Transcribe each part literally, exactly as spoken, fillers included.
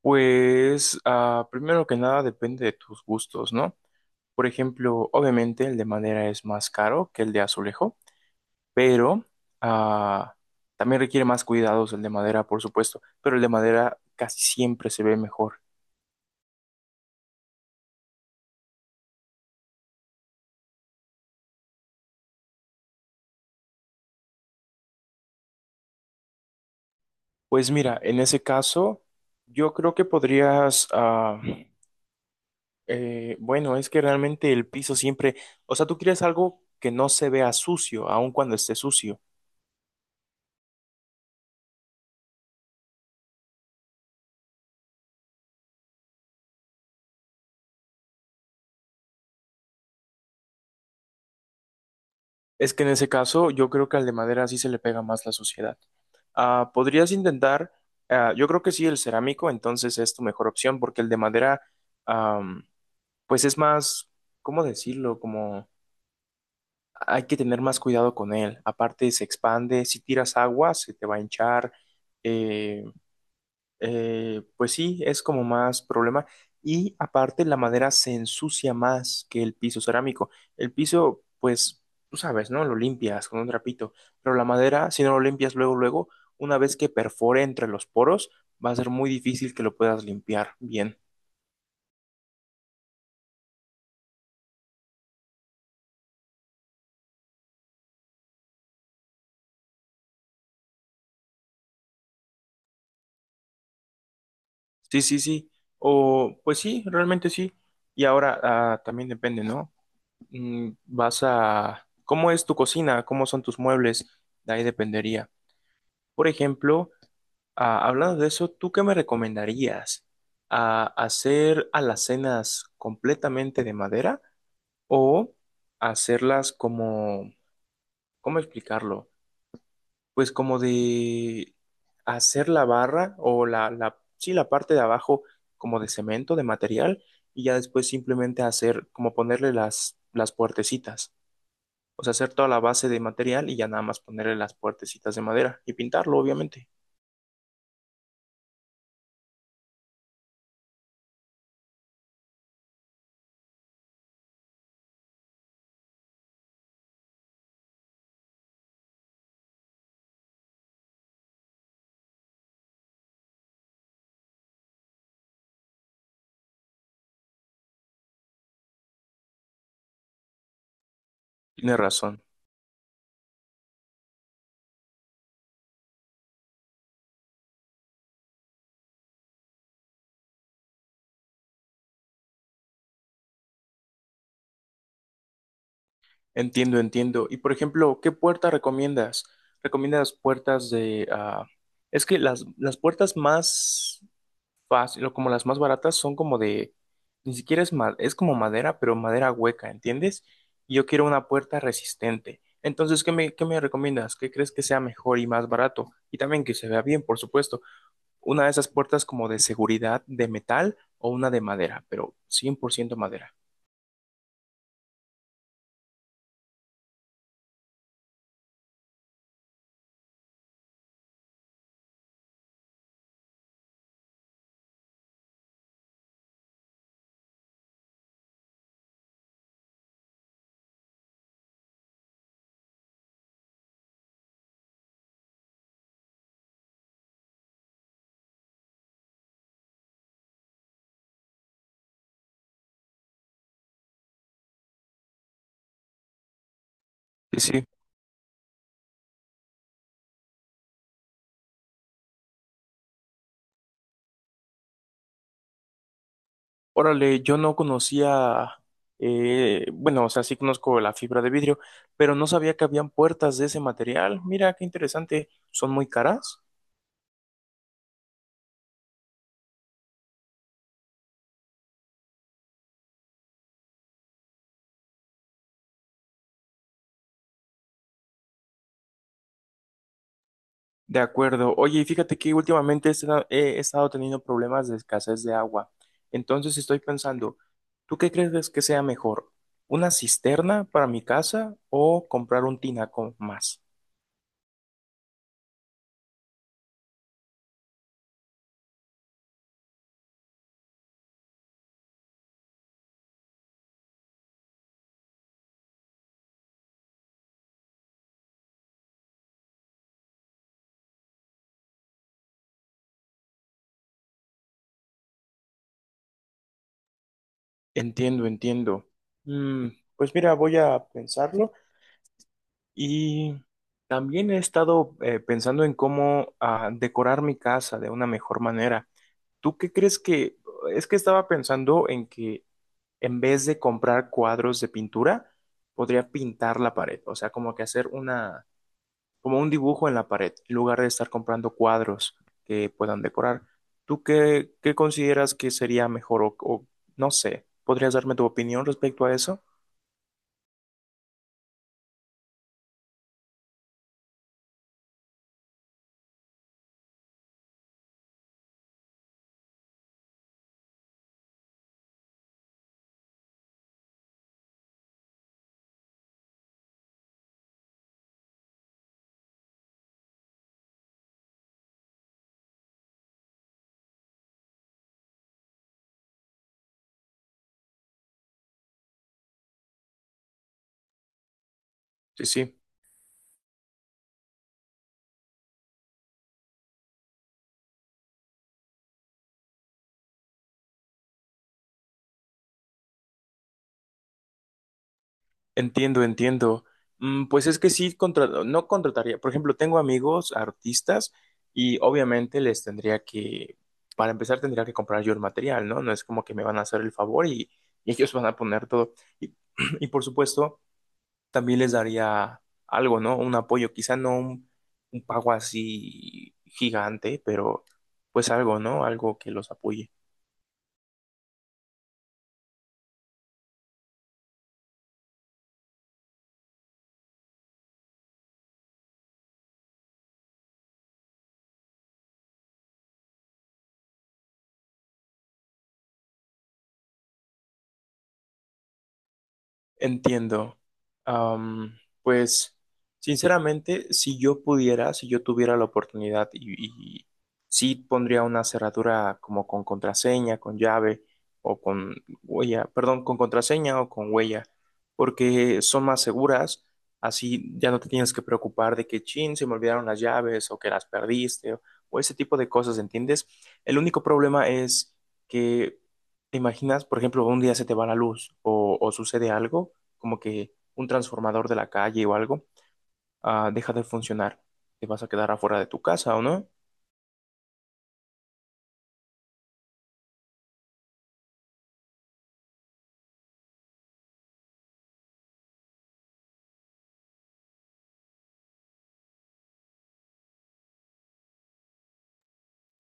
Pues, ah, primero que nada depende de tus gustos, ¿no? Por ejemplo, obviamente el de madera es más caro que el de azulejo, pero ah, también requiere más cuidados el de madera, por supuesto, pero el de madera casi siempre se ve mejor. Pues mira, en ese caso, yo creo que podrías, ah, eh, bueno, es que realmente el piso siempre, o sea, tú quieres algo que no se vea sucio, aun cuando esté sucio. Es que en ese caso yo creo que al de madera sí se le pega más la suciedad. Ah, podrías intentar, ah, yo creo que sí, el cerámico, entonces es tu mejor opción porque el de madera, am, pues es más, ¿cómo decirlo? Como hay que tener más cuidado con él. Aparte se expande, si tiras agua se te va a hinchar, eh, eh, pues sí, es como más problema. Y aparte la madera se ensucia más que el piso cerámico. El piso, pues, tú sabes, ¿no? Lo limpias con un trapito. Pero la madera, si no lo limpias luego, luego, una vez que perfore entre los poros, va a ser muy difícil que lo puedas limpiar bien. Sí, sí, sí. O, pues sí, realmente sí. Y ahora, ah, también depende, ¿no? Mm, vas a... ¿Cómo es tu cocina? ¿Cómo son tus muebles? De ahí dependería. Por ejemplo... Ah, hablando de eso, ¿tú qué me recomendarías? ¿A hacer alacenas completamente de madera o hacerlas como, ¿cómo explicarlo? Pues como de hacer la barra o la, la, sí, la parte de abajo como de cemento, de material, y ya después simplemente hacer como ponerle las, las puertecitas. O sea, hacer toda la base de material y ya nada más ponerle las puertecitas de madera y pintarlo, obviamente. Tienes razón. Entiendo, entiendo. Y por ejemplo, ¿qué puerta recomiendas? ¿Recomiendas puertas de... ah, es que las, las puertas más fáciles, como las más baratas, son como de... Ni siquiera es, ma- es como madera, pero madera hueca, ¿entiendes? Y yo quiero una puerta resistente. Entonces, ¿qué me, qué me recomiendas? ¿Qué crees que sea mejor y más barato? Y también que se vea bien, por supuesto. Una de esas puertas como de seguridad de metal o una de madera, pero cien por ciento madera. Sí, sí. Órale, yo no conocía, eh, bueno, o sea, sí conozco la fibra de vidrio, pero no sabía que habían puertas de ese material. Mira, qué interesante. ¿Son muy caras? De acuerdo. Oye, y fíjate que últimamente he estado he estado teniendo problemas de escasez de agua. Entonces estoy pensando, ¿tú qué crees que sea mejor? ¿Una cisterna para mi casa o comprar un tinaco más? Entiendo, entiendo. Mm, pues mira, voy a pensarlo. Y también he estado eh, pensando en cómo ah, decorar mi casa de una mejor manera. ¿Tú qué crees que... Es que estaba pensando en que en vez de comprar cuadros de pintura, podría pintar la pared. O sea, como que hacer una... como un dibujo en la pared, en lugar de estar comprando cuadros que puedan decorar. ¿Tú qué, qué consideras que sería mejor o, o no sé? ¿Podrías darme tu opinión respecto a eso? Sí, sí. Entiendo, entiendo. Mm, pues es que sí, contra- no contrataría. Por ejemplo, tengo amigos artistas y obviamente les tendría que, para empezar, tendría que comprar yo el material, ¿no? No es como que me van a hacer el favor y, y ellos van a poner todo. Y, y por supuesto, también les daría algo, ¿no? Un apoyo, quizá no un, un pago así gigante, pero pues algo, ¿no? Algo que los apoye. Entiendo. Am, pues, sinceramente, si yo pudiera, si yo tuviera la oportunidad y, y sí pondría una cerradura como con contraseña, con llave o con huella, perdón, con contraseña o con huella, porque son más seguras, así ya no te tienes que preocupar de que, chin, se me olvidaron las llaves o que las perdiste o, o ese tipo de cosas, ¿entiendes? El único problema es que, te imaginas, por ejemplo, un día se te va la luz o o sucede algo como que un transformador de la calle o algo, ah, deja de funcionar. Te vas a quedar afuera de tu casa, ¿o no?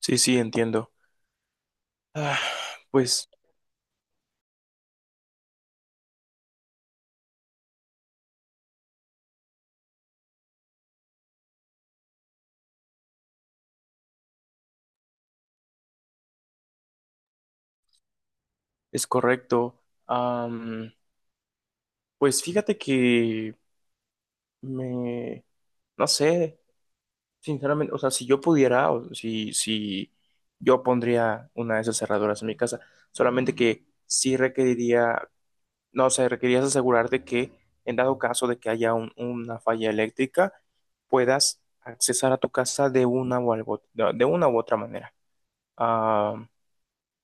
Sí, sí, entiendo. Ah, pues es correcto. Am, pues fíjate que me, no sé, sinceramente, o sea, si yo pudiera, o si, si yo pondría una de esas cerraduras en mi casa, solamente que sí requeriría. No, o sea, requerías asegurarte que en dado caso de que haya un- una falla eléctrica, puedas accesar a tu casa de una u, algo- de de una u otra manera. Ah,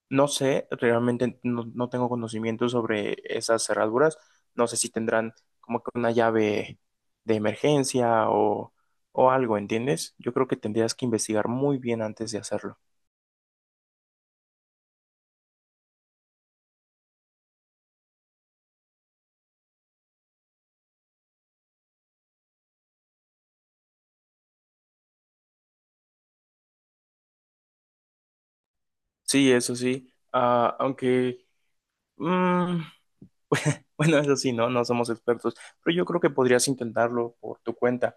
no sé, realmente no, no tengo conocimiento sobre esas cerraduras. No sé si tendrán como que una llave de emergencia o, o algo, ¿entiendes? Yo creo que tendrías que investigar muy bien antes de hacerlo. Sí, eso sí. Ah, aunque... mm, Bueno, eso sí, no, no somos expertos, pero yo creo que podrías intentarlo por tu cuenta.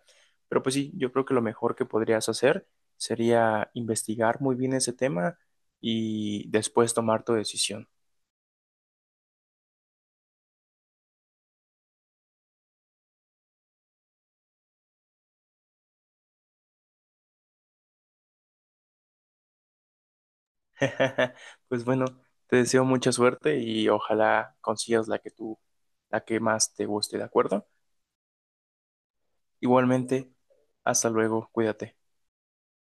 Pero pues sí, yo creo que lo mejor que podrías hacer sería investigar muy bien ese tema y después tomar tu decisión. Pues bueno, te deseo mucha suerte y ojalá consigas la que tú, la que más te guste, ¿de acuerdo? Igualmente, hasta luego, cuídate.